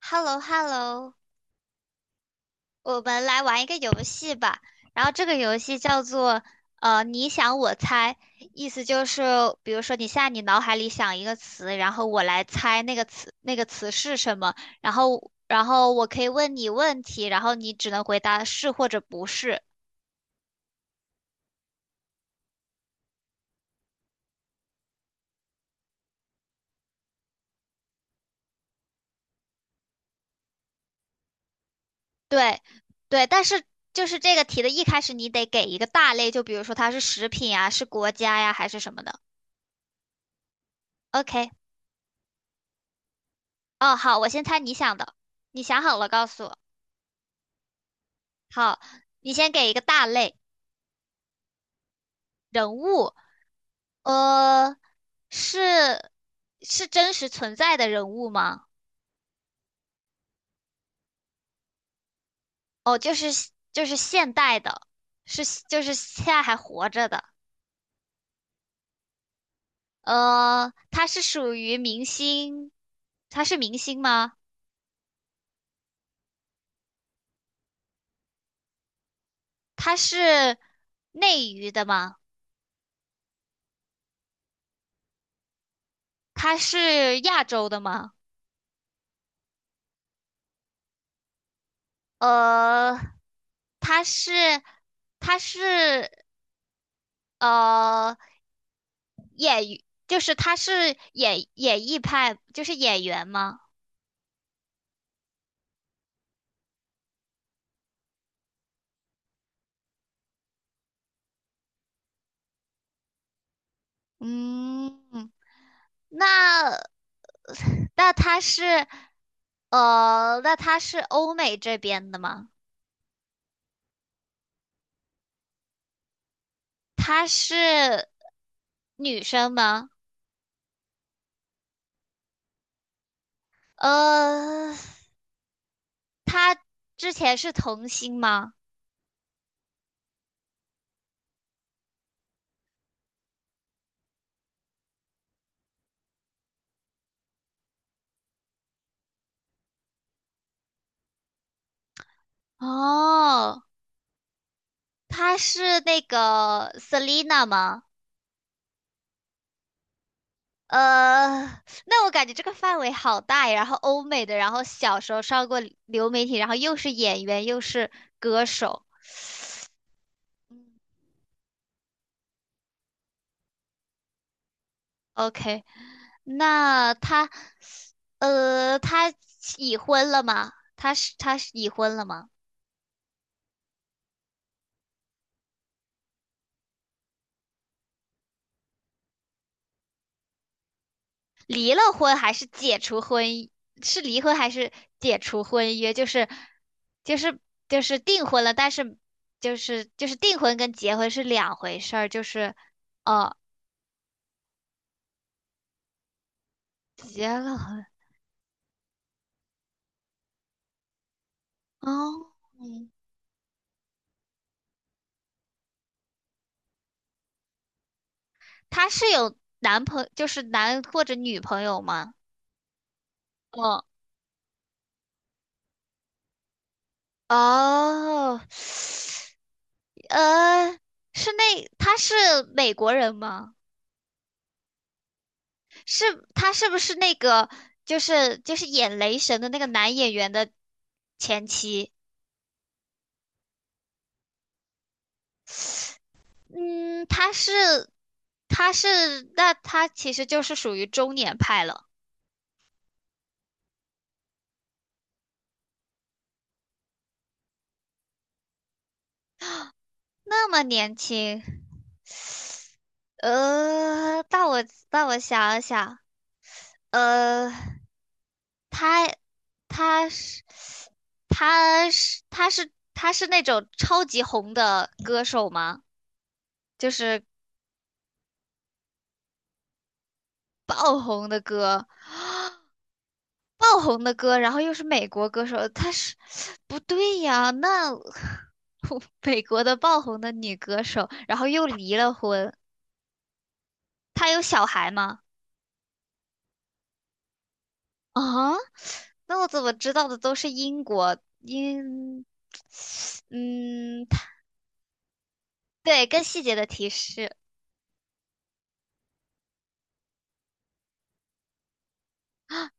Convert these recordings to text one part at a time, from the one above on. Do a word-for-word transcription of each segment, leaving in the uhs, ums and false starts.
h e l l o h e l l o 我们来玩一个游戏吧。然后这个游戏叫做呃，你想我猜，意思就是，比如说你现在你脑海里想一个词，然后我来猜那个词那个词是什么，然后然后我可以问你问题，然后你只能回答是或者不是。对，对，但是就是这个题的一开始你得给一个大类，就比如说它是食品啊，是国家呀，还是什么的。OK,哦，好，我先猜你想的，你想好了告诉我。好，你先给一个大类，人物，呃，是是真实存在的人物吗？哦，就是就是现代的，是就是现在还活着的。呃，他是属于明星，他是明星吗？他是内娱的吗？他是亚洲的吗？呃，他是他是呃。就是他是演演艺派，就是演员吗？嗯，那那他是呃，那他是欧美这边的吗？他是女生吗？呃，他之前是童星吗？哦，他是那个 Selina 吗？呃，那我感觉这个范围好大呀。然后欧美的，然后小时候上过流媒体，然后又是演员又是歌手。嗯 OK,那他，呃，他已婚了吗？他是他是已婚了吗？离了婚还是解除婚姻是离婚还是解除婚约？就是就是就是订婚了，但是就是就是订婚跟结婚是两回事儿，就是哦，结了婚。哦，他是有男朋就是男或者女朋友吗？哦哦，呃，是那他是美国人吗？是他是不是那个就是就是演雷神的那个男演员的前妻？嗯，他是他是那他其实就是属于中年派了，那么年轻。呃，那我那我想一想，呃。他他是他是他是他是那种超级红的歌手吗？就是爆红的歌，爆红的歌，然后又是美国歌手，他是 不对呀？那 美国的爆红的女歌手，然后又离了婚，她有小孩吗？啊？那我怎么知道的都是英国英？嗯，对，更细节的提示。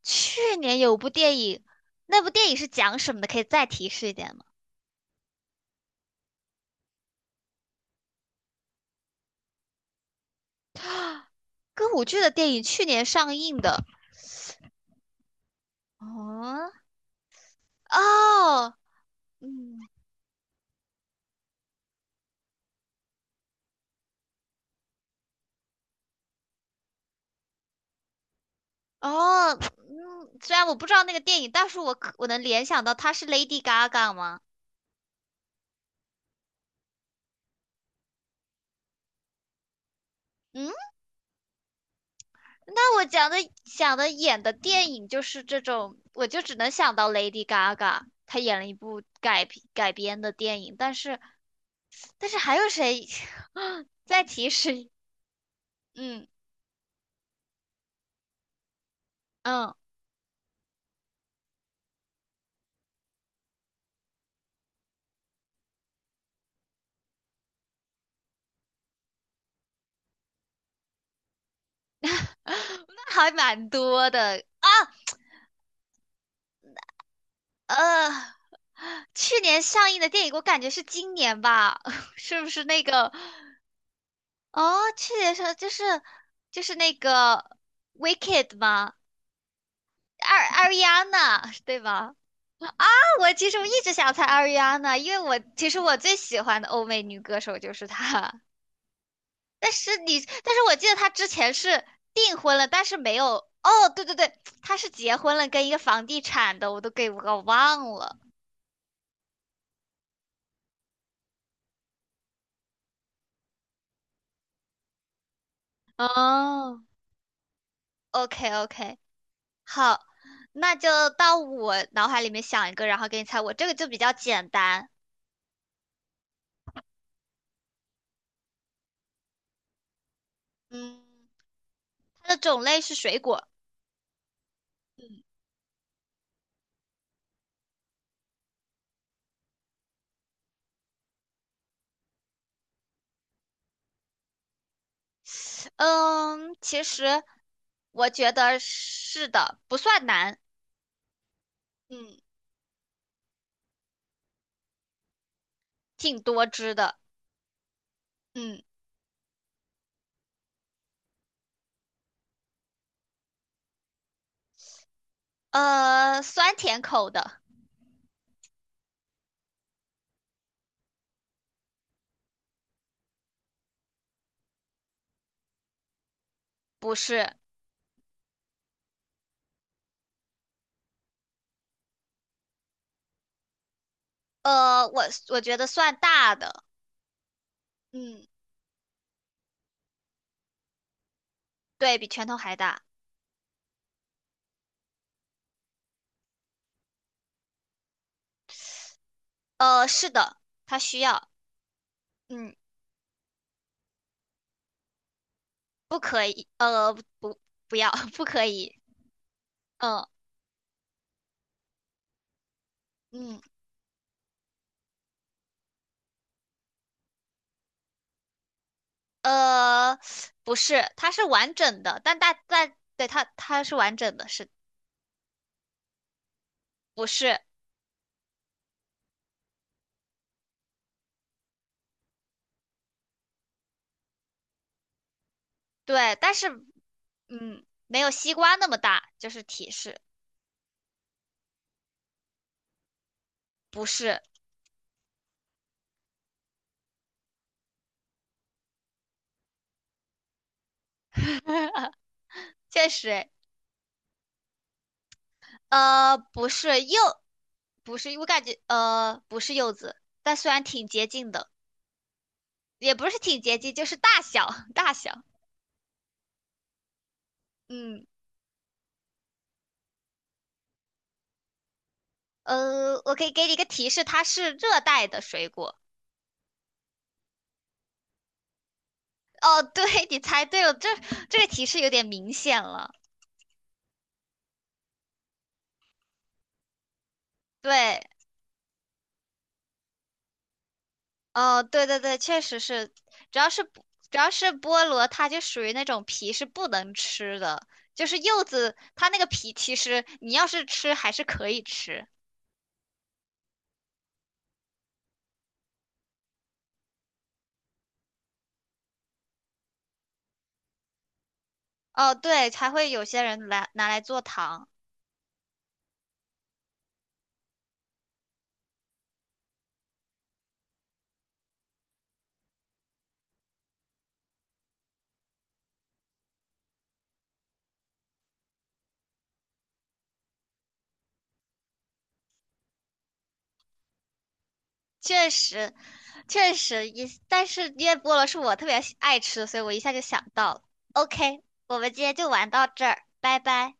去年有部电影，那部电影是讲什么的？可以再提示一点吗？歌舞剧的电影去年上映的。哦哦，嗯哦嗯，虽然我不知道那个电影，但是我可我能联想到它是 Lady Gaga 吗？嗯，那我讲的想的演的电影就是这种，我就只能想到 Lady Gaga,她演了一部改改编的电影，但是但是还有谁？再提示，嗯嗯。那还蛮多的。呃，去年上映的电影，我感觉是今年吧，是不是那个？哦，去年上就是就是那个《Wicked》吗？二 艾 r i a 对吧？啊，我其实我一直想猜 a r 安娜，因为我其实我最喜欢的欧美女歌手就是她。但是你，但是我记得她之前是订婚了，但是没有。哦，对对对，她是结婚了，跟一个房地产的，我都给我忘了。哦，O K O K,好，那就到我脑海里面想一个，然后给你猜我。这个就比较简单，嗯，它的种类是水果。嗯，嗯，其实我觉得是的，不算难，嗯挺多汁的。嗯，呃，酸甜口的不是，呃，我我觉得算大的，嗯，对比拳头还大。呃，是的，它需要。嗯。不可以，呃，不，不要，不可以，嗯嗯，呃，不是，它是完整的，但大但对它它是完整的，是不是？对，但是嗯，没有西瓜那么大，就是提示，不是，确实，诶呃，不是柚，不是，我感觉呃不是柚子，但虽然挺接近的，也不是挺接近，就是大小 大小，嗯，呃，我可以给你一个提示，它是热带的水果。哦，对，你猜对了，这这个提示有点明显了。对，哦，对对对，确实是，主要是不主要是菠萝，它就属于那种皮是不能吃的，就是柚子它那个皮，其实你要是吃还是可以吃。哦，对，才会有些人来拿来做糖，确实，确实也，但是因为菠萝是我特别喜爱吃的所以我一下就想到了。OK,我们今天就玩到这儿，拜拜。